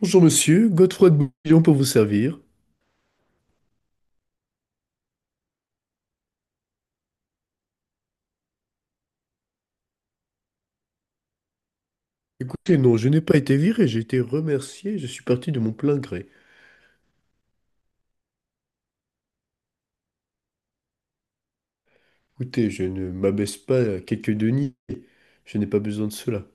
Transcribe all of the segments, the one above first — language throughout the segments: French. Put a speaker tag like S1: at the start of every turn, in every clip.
S1: Bonjour monsieur, Godefroy de Bouillon pour vous servir. Écoutez, non, je n'ai pas été viré, j'ai été remercié, je suis parti de mon plein gré. Écoutez, je ne m'abaisse pas à quelques deniers, je n'ai pas besoin de cela.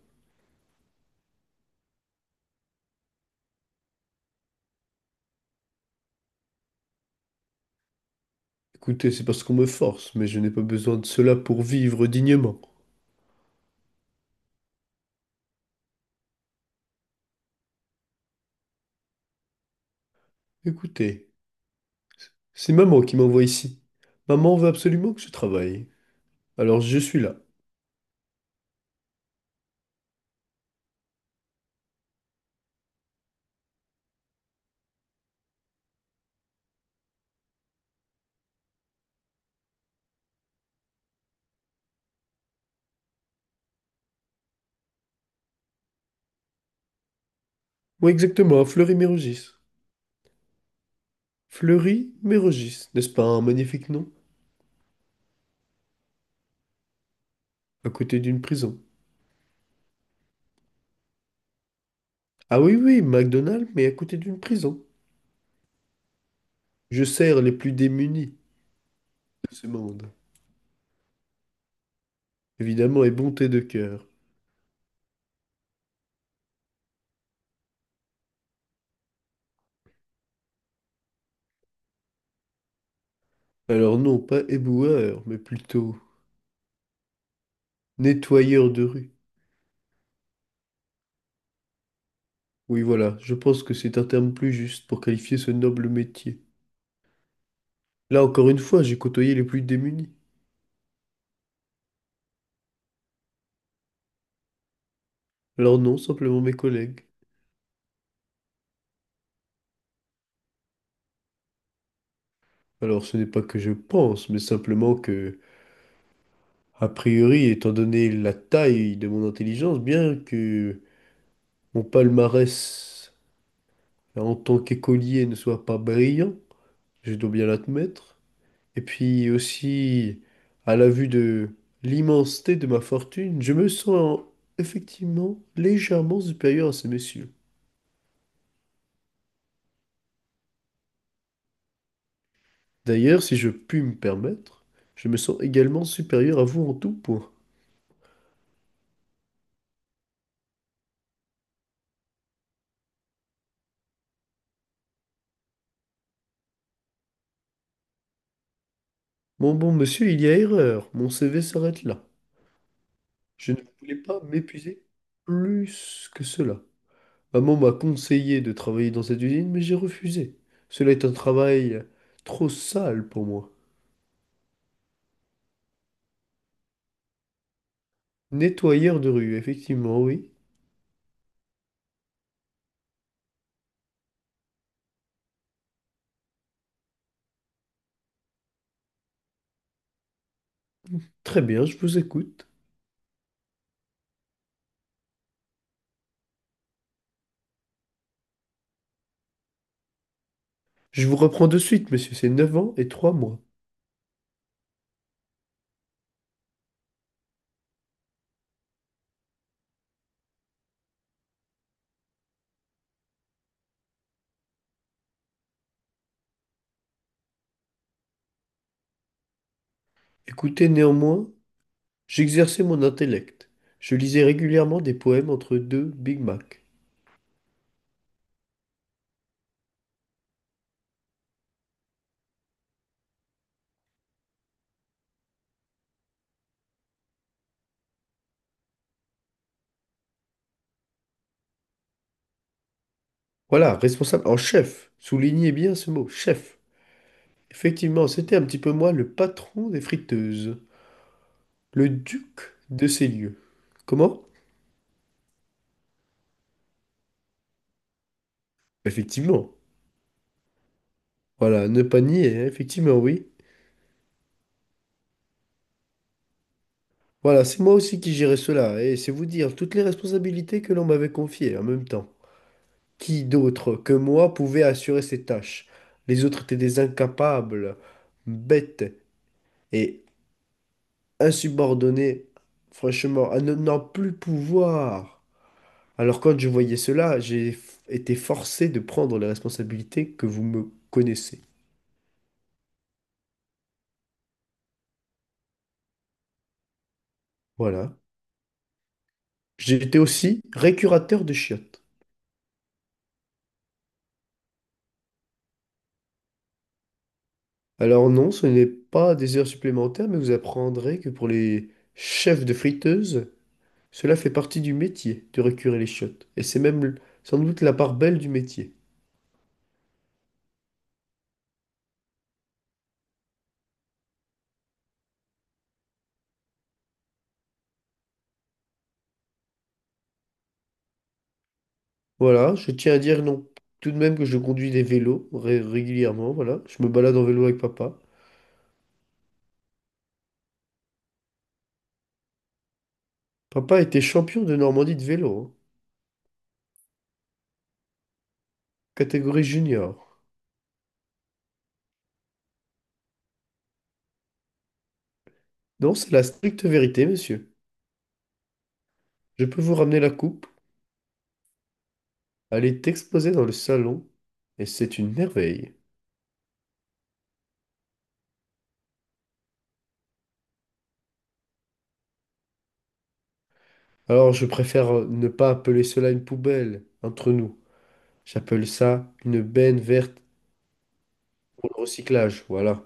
S1: Écoutez, c'est parce qu'on me force, mais je n'ai pas besoin de cela pour vivre dignement. Écoutez, c'est maman qui m'envoie ici. Maman veut absolument que je travaille. Alors je suis là. Oui, exactement, à Fleury-Mérogis. Fleury-Mérogis, n'est-ce pas un magnifique nom? À côté d'une prison. Ah oui, oui, McDonald's, mais à côté d'une prison. Je sers les plus démunis de ce monde. Évidemment, et bonté de cœur. Alors non, pas éboueur, mais plutôt nettoyeur de rue. Oui, voilà, je pense que c'est un terme plus juste pour qualifier ce noble métier. Là, encore une fois, j'ai côtoyé les plus démunis. Alors non, simplement mes collègues. Alors ce n'est pas que je pense, mais simplement que, a priori, étant donné la taille de mon intelligence, bien que mon palmarès en tant qu'écolier ne soit pas brillant, je dois bien l'admettre, et puis aussi, à la vue de l'immensité de ma fortune, je me sens effectivement légèrement supérieur à ces messieurs. D'ailleurs, si je puis me permettre, je me sens également supérieur à vous en tout point. Mon bon monsieur, il y a erreur. Mon CV s'arrête là. Je ne voulais pas m'épuiser plus que cela. Maman m'a conseillé de travailler dans cette usine, mais j'ai refusé. Cela est un travail trop sale pour moi. Nettoyeur de rue, effectivement, oui. Très bien, je vous écoute. Je vous reprends de suite, monsieur, c'est 9 ans et 3 mois. Écoutez, néanmoins, j'exerçais mon intellect. Je lisais régulièrement des poèmes entre deux Big Mac. Voilà, responsable en chef. Soulignez bien ce mot, chef. Effectivement, c'était un petit peu moi le patron des friteuses, le duc de ces lieux. Comment? Effectivement. Voilà, ne pas nier, hein, effectivement, oui. Voilà, c'est moi aussi qui gérais cela, et c'est vous dire toutes les responsabilités que l'on m'avait confiées en même temps. Qui d'autre que moi pouvait assurer ces tâches? Les autres étaient des incapables, bêtes et insubordonnés, franchement, à ne n'en plus pouvoir. Alors quand je voyais cela, j'ai été forcé de prendre les responsabilités que vous me connaissez. Voilà. J'étais aussi récurateur de chiottes. Alors non, ce n'est pas des heures supplémentaires, mais vous apprendrez que pour les chefs de friteuse, cela fait partie du métier de récurer les chiottes, et c'est même sans doute la part belle du métier. Voilà, je tiens à dire non, tout de même que je conduis des vélos régulièrement, voilà, je me balade en vélo avec papa. Papa était champion de Normandie de vélo, hein, catégorie junior. Non, c'est la stricte vérité, monsieur. Je peux vous ramener la coupe, aller est exposée dans le salon, et c'est une merveille. Alors, je préfère ne pas appeler cela une poubelle, entre nous. J'appelle ça une benne verte pour le recyclage, voilà.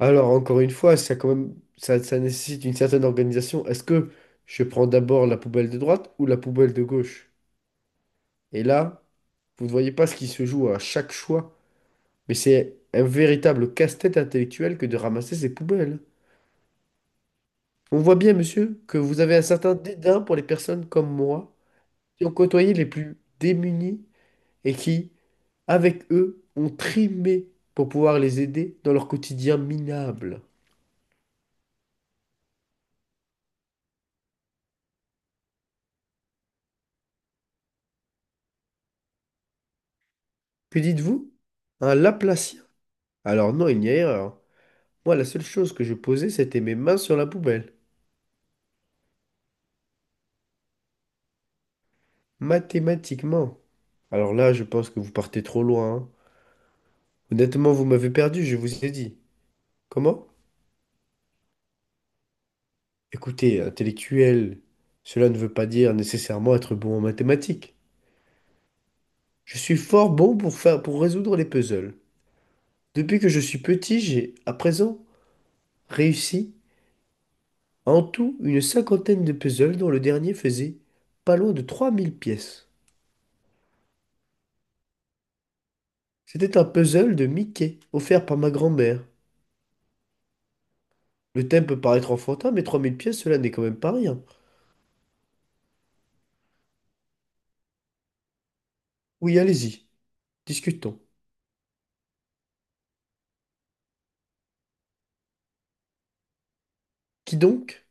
S1: Alors, encore une fois, ça, quand même, ça nécessite une certaine organisation. Est-ce que je prends d'abord la poubelle de droite ou la poubelle de gauche? Et là, vous ne voyez pas ce qui se joue à chaque choix, mais c'est un véritable casse-tête intellectuel que de ramasser ces poubelles. On voit bien, monsieur, que vous avez un certain dédain pour les personnes comme moi, qui ont côtoyé les plus démunis et qui, avec eux, ont trimé pour pouvoir les aider dans leur quotidien minable. Que dites-vous? Un laplacien. Alors non, il n'y a erreur. Moi, la seule chose que je posais, c'était mes mains sur la poubelle. Mathématiquement. Alors là, je pense que vous partez trop loin, hein. Honnêtement, vous m'avez perdu, je vous ai dit. Comment? Écoutez, intellectuel, cela ne veut pas dire nécessairement être bon en mathématiques. Je suis fort bon pour faire, pour résoudre les puzzles. Depuis que je suis petit, j'ai, à présent, réussi en tout une cinquantaine de puzzles dont le dernier faisait pas loin de 3000 pièces. C'était un puzzle de Mickey, offert par ma grand-mère. Le thème peut paraître enfantin, mais 3000 pièces, cela n'est quand même pas rien. Oui, allez-y, discutons. Qui donc?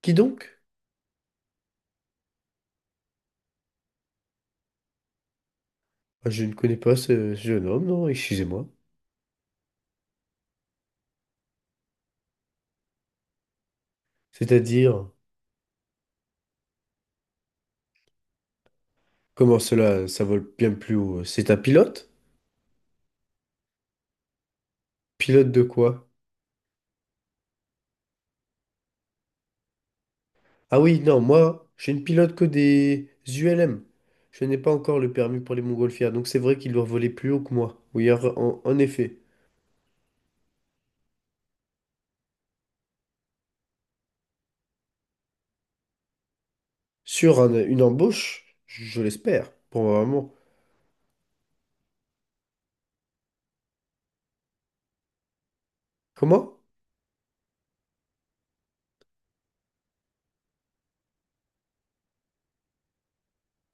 S1: Qui donc? Ah, je ne connais pas ce jeune homme, non, excusez-moi. C'est-à-dire, comment cela, ça vole bien plus haut? C'est un pilote? Pilote de quoi? Ah oui, non, moi, je ne pilote que des ULM. Je n'ai pas encore le permis pour les montgolfières, donc c'est vrai qu'il doit voler plus haut que moi. Oui, en effet. Sur une embauche, je l'espère, pour ma maman. Comment?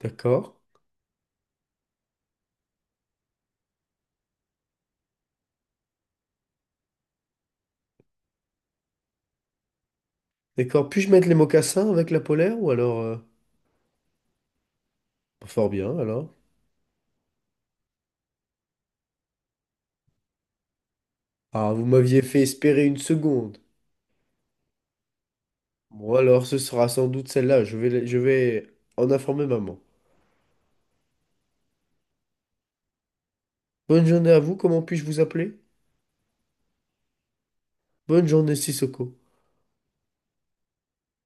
S1: D'accord. D'accord. Puis-je mettre les mocassins avec la polaire ou alors... bah, fort bien, alors. Ah, vous m'aviez fait espérer une seconde. Bon, alors ce sera sans doute celle-là. Je vais en informer maman. Bonne journée à vous. Comment puis-je vous appeler? Bonne journée, Sissoko.